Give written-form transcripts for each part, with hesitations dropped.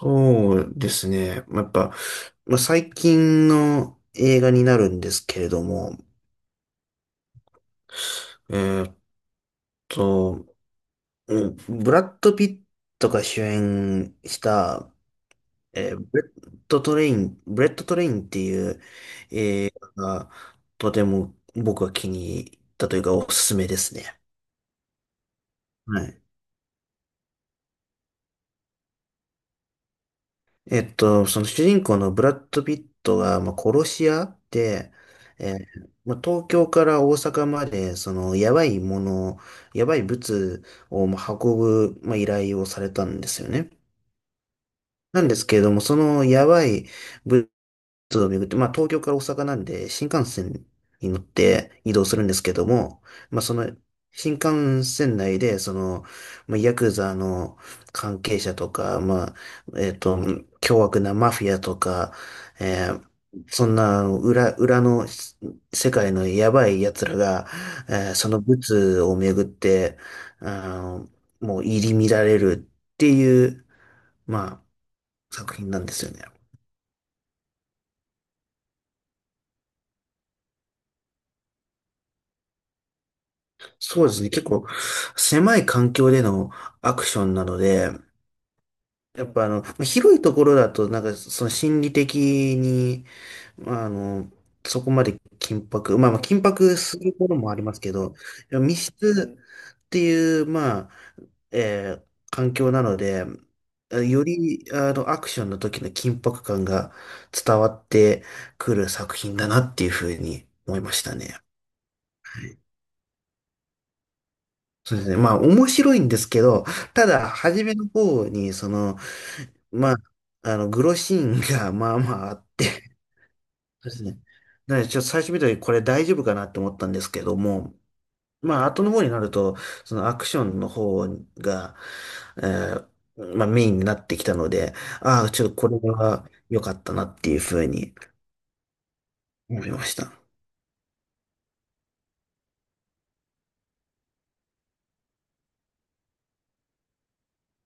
そうですね。まあやっぱ、まあ、最近の映画になるんですけれども、えーっと、うんブラッド・ピットが主演した、ブレッド・トレイン、ブレッド・トレインっていう映画がとても僕は気に入ったというかおすすめですね。はい。その主人公のブラッド・ピットが、殺し屋で、東京から大阪まで、その、やばいもの、やばい物を、運ぶ、依頼をされたんですよね。なんですけれども、そのやばい物都道を巡って、まあ東京から大阪なんで新幹線に乗って移動するんですけども、その新幹線内で、その、ヤクザの関係者とか、えっと、凶悪なマフィアとか、えーそんなあの裏の世界のやばい奴らが、そのブツを巡って、あの、もう入り乱れるっていう、ま作品なんですよね。そうですね。結構狭い環境でのアクションなので、やっぱあの、広いところだと、なんかその心理的に、まああの、そこまでまあまあ緊迫することもありますけど、密室っていう、えー環境なので、よりあのアクションの時の緊迫感が伝わってくる作品だなっていうふうに思いましたね。そうですね。面白いんですけど、ただ、初めの方に、その、まあ、グロシーンが、まあまああって、そうですね。なので、ちょっと最初見た時、これ大丈夫かなって思ったんですけども、後の方になると、そのアクションの方が、えメインになってきたので、ああ、ちょっとこれは良かったなっていうふうに思いました。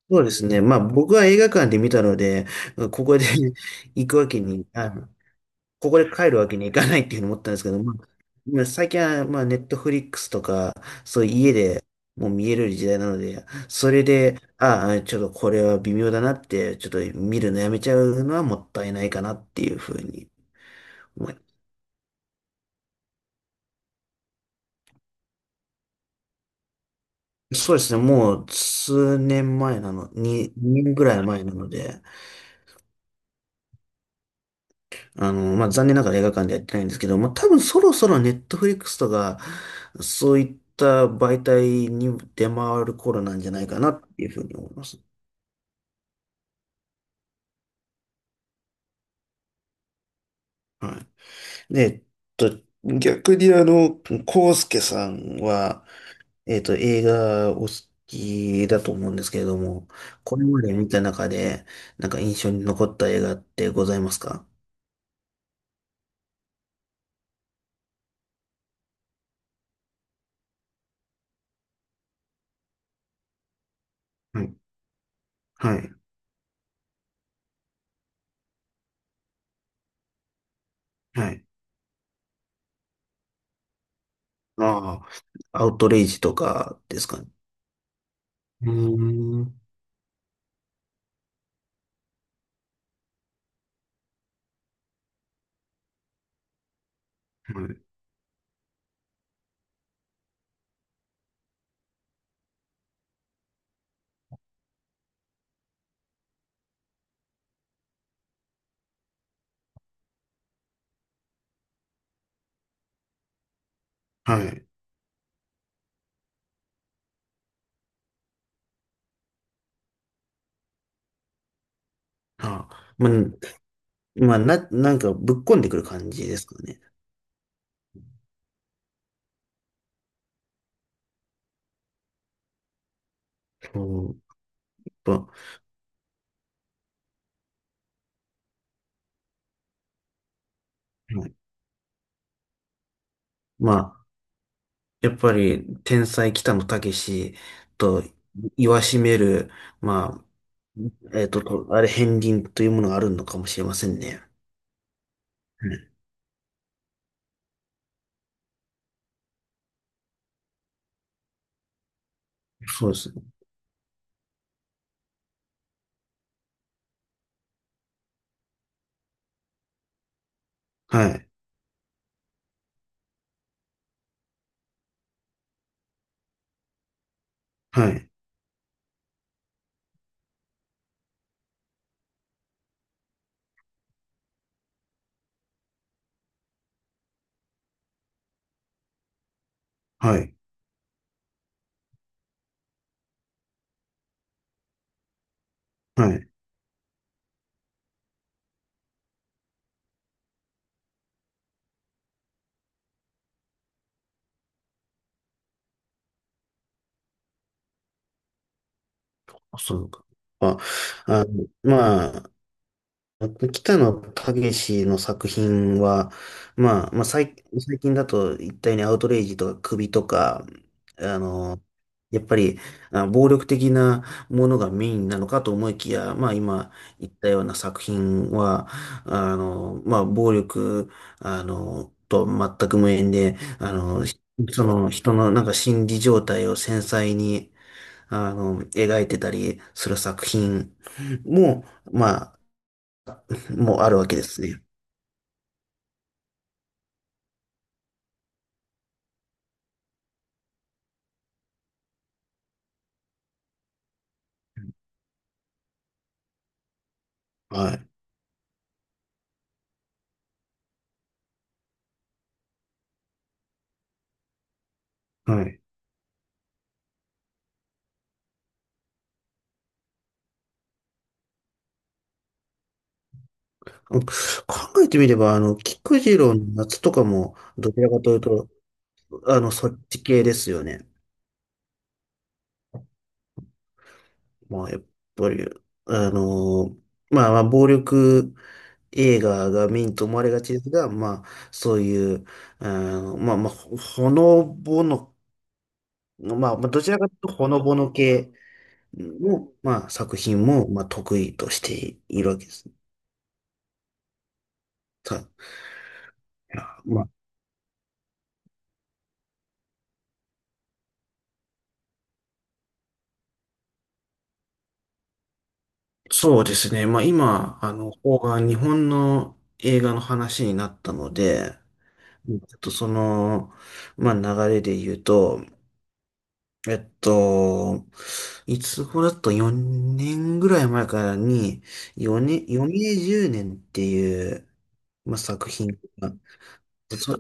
そうですね。僕は映画館で見たので、ここで 行くわけに、ここで帰るわけにいかないっていうふうに思ったんですけど、まあ最近は、ネットフリックスとか、そういう家でもう見える時代なので、それで、ああ、ちょっとこれは微妙だなって、ちょっと見るのやめちゃうのはもったいないかなっていうふうに思います。そうですね、もう数年前なの、2、年ぐらい前なので、残念ながら映画館でやってないんですけど、多分そろそろネットフリックスとか、そういった媒体に出回る頃なんじゃないかなっていうふうに思います。はい。で、逆にコウスケさんは、映画お好きだと思うんですけれども、これまで見た中で、なんか印象に残った映画ってございますか？はい。はい。はい。ああ、アウトレイジとかですかね。うーん。はい。はい。ああ、なんかぶっこんでくる感じですかね。そう。まあ、はいまあやっぱり天才北野武と言わしめる、まあれ、片鱗というものがあるのかもしれませんね。うん。そうですね。はい、はい、はい、はい。あそうか。あ、あの、まあ、あと、北野武の作品は、最近だと言ったようにアウトレイジとか首とか、あの、やっぱり、暴力的なものがメインなのかと思いきや、まあ今言ったような作品は、あの、まあ暴力、あの、と全く無縁で、その人のなんか心理状態を繊細に、描いてたりする作品も、まあ、もあるわけですね。はい。はい。考えてみれば、あの、菊次郎の夏とかも、どちらかというと、あの、そっち系ですよね。まあ、やっぱり、あの、まあ、まあ、暴力映画がメインと思われがちですが、そういう、あほのぼの、まあどちらかというと、ほのぼの系の、作品も、得意としているわけです。さ、いまあそうですね。まあ今、あの、方が日本の映画の話になったので、うんちょっとその、まあ流れで言うと、えっと、いつ頃だと4年ぐらい前からに、4年、余命10年っていう、作品が、そ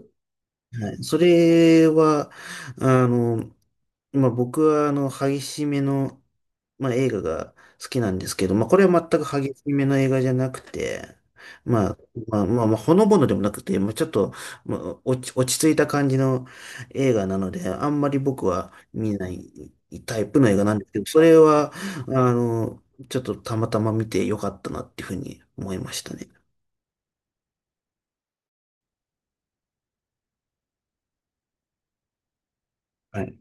はい。それは、あの、僕は、激しめの、映画が好きなんですけど、まあ、これは全く激しめの映画じゃなくて、まあ、ほのぼのでもなくて、まあ、ちょっと、まあ、落ち着いた感じの映画なので、あんまり僕は見ないタイプの映画なんですけど、それは、あの、ちょっとたまたま見てよかったなっていうふうに思いましたね。はい。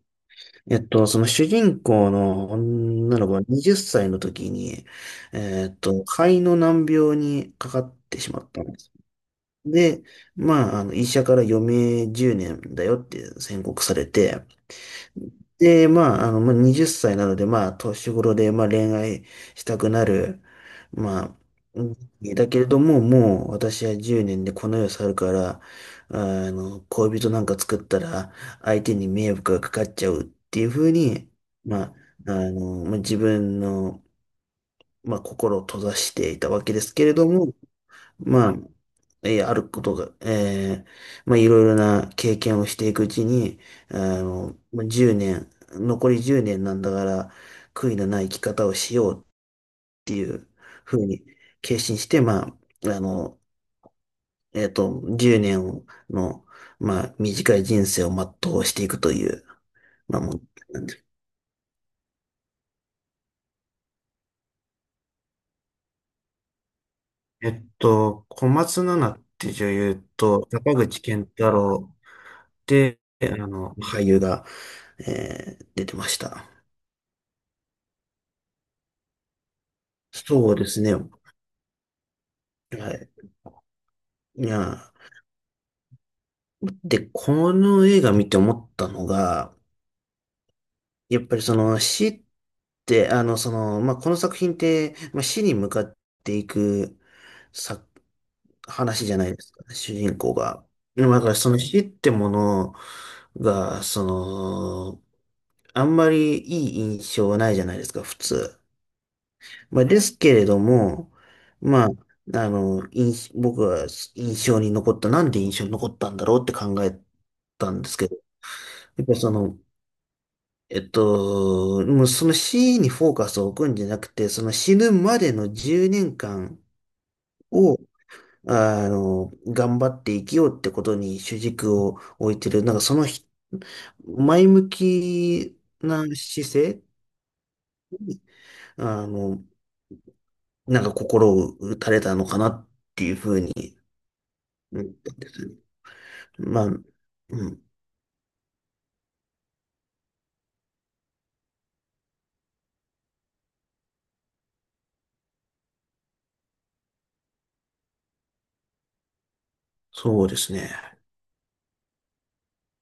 その主人公の女の子は20歳の時に、肺の難病にかかってしまったんです。で、医者から余命10年だよって宣告されて、で、もう20歳なので、年頃で、恋愛したくなる、まあ、だけれども、もう、私は10年でこの世を去るから、恋人なんか作ったら、相手に迷惑がかかっちゃうっていうふうに、まあ、自分の、心を閉ざしていたわけですけれども、まあ、えーあることが、えーまあ、いろいろな経験をしていくうちに、1年、残り10年なんだから、悔いのない生き方をしようっていうふうに決心して、あの、10年の、短い人生を全うしていくという、まあ、もう、なんて小松菜奈って女優と、坂口健太郎って、俳優が、出てました。そうですね。はい。いや、で、この映画見て思ったのが、やっぱりその死って、あの、その、まあ、この作品って、死に向かっていくさ、話じゃないですかね、主人公が。でもだからその死ってものが、あんまりいい印象はないじゃないですか、普通。ですけれども、僕は印象に残った、なんで印象に残ったんだろうって考えたんですけど、やっぱその、えっと、もうその死にフォーカスを置くんじゃなくて、その死ぬまでの10年間を、頑張って生きようってことに主軸を置いてる、なんかそのひ前向きな姿勢に、あの、なんか心を打たれたのかなっていうふうにうんまあ、うん、そうですね。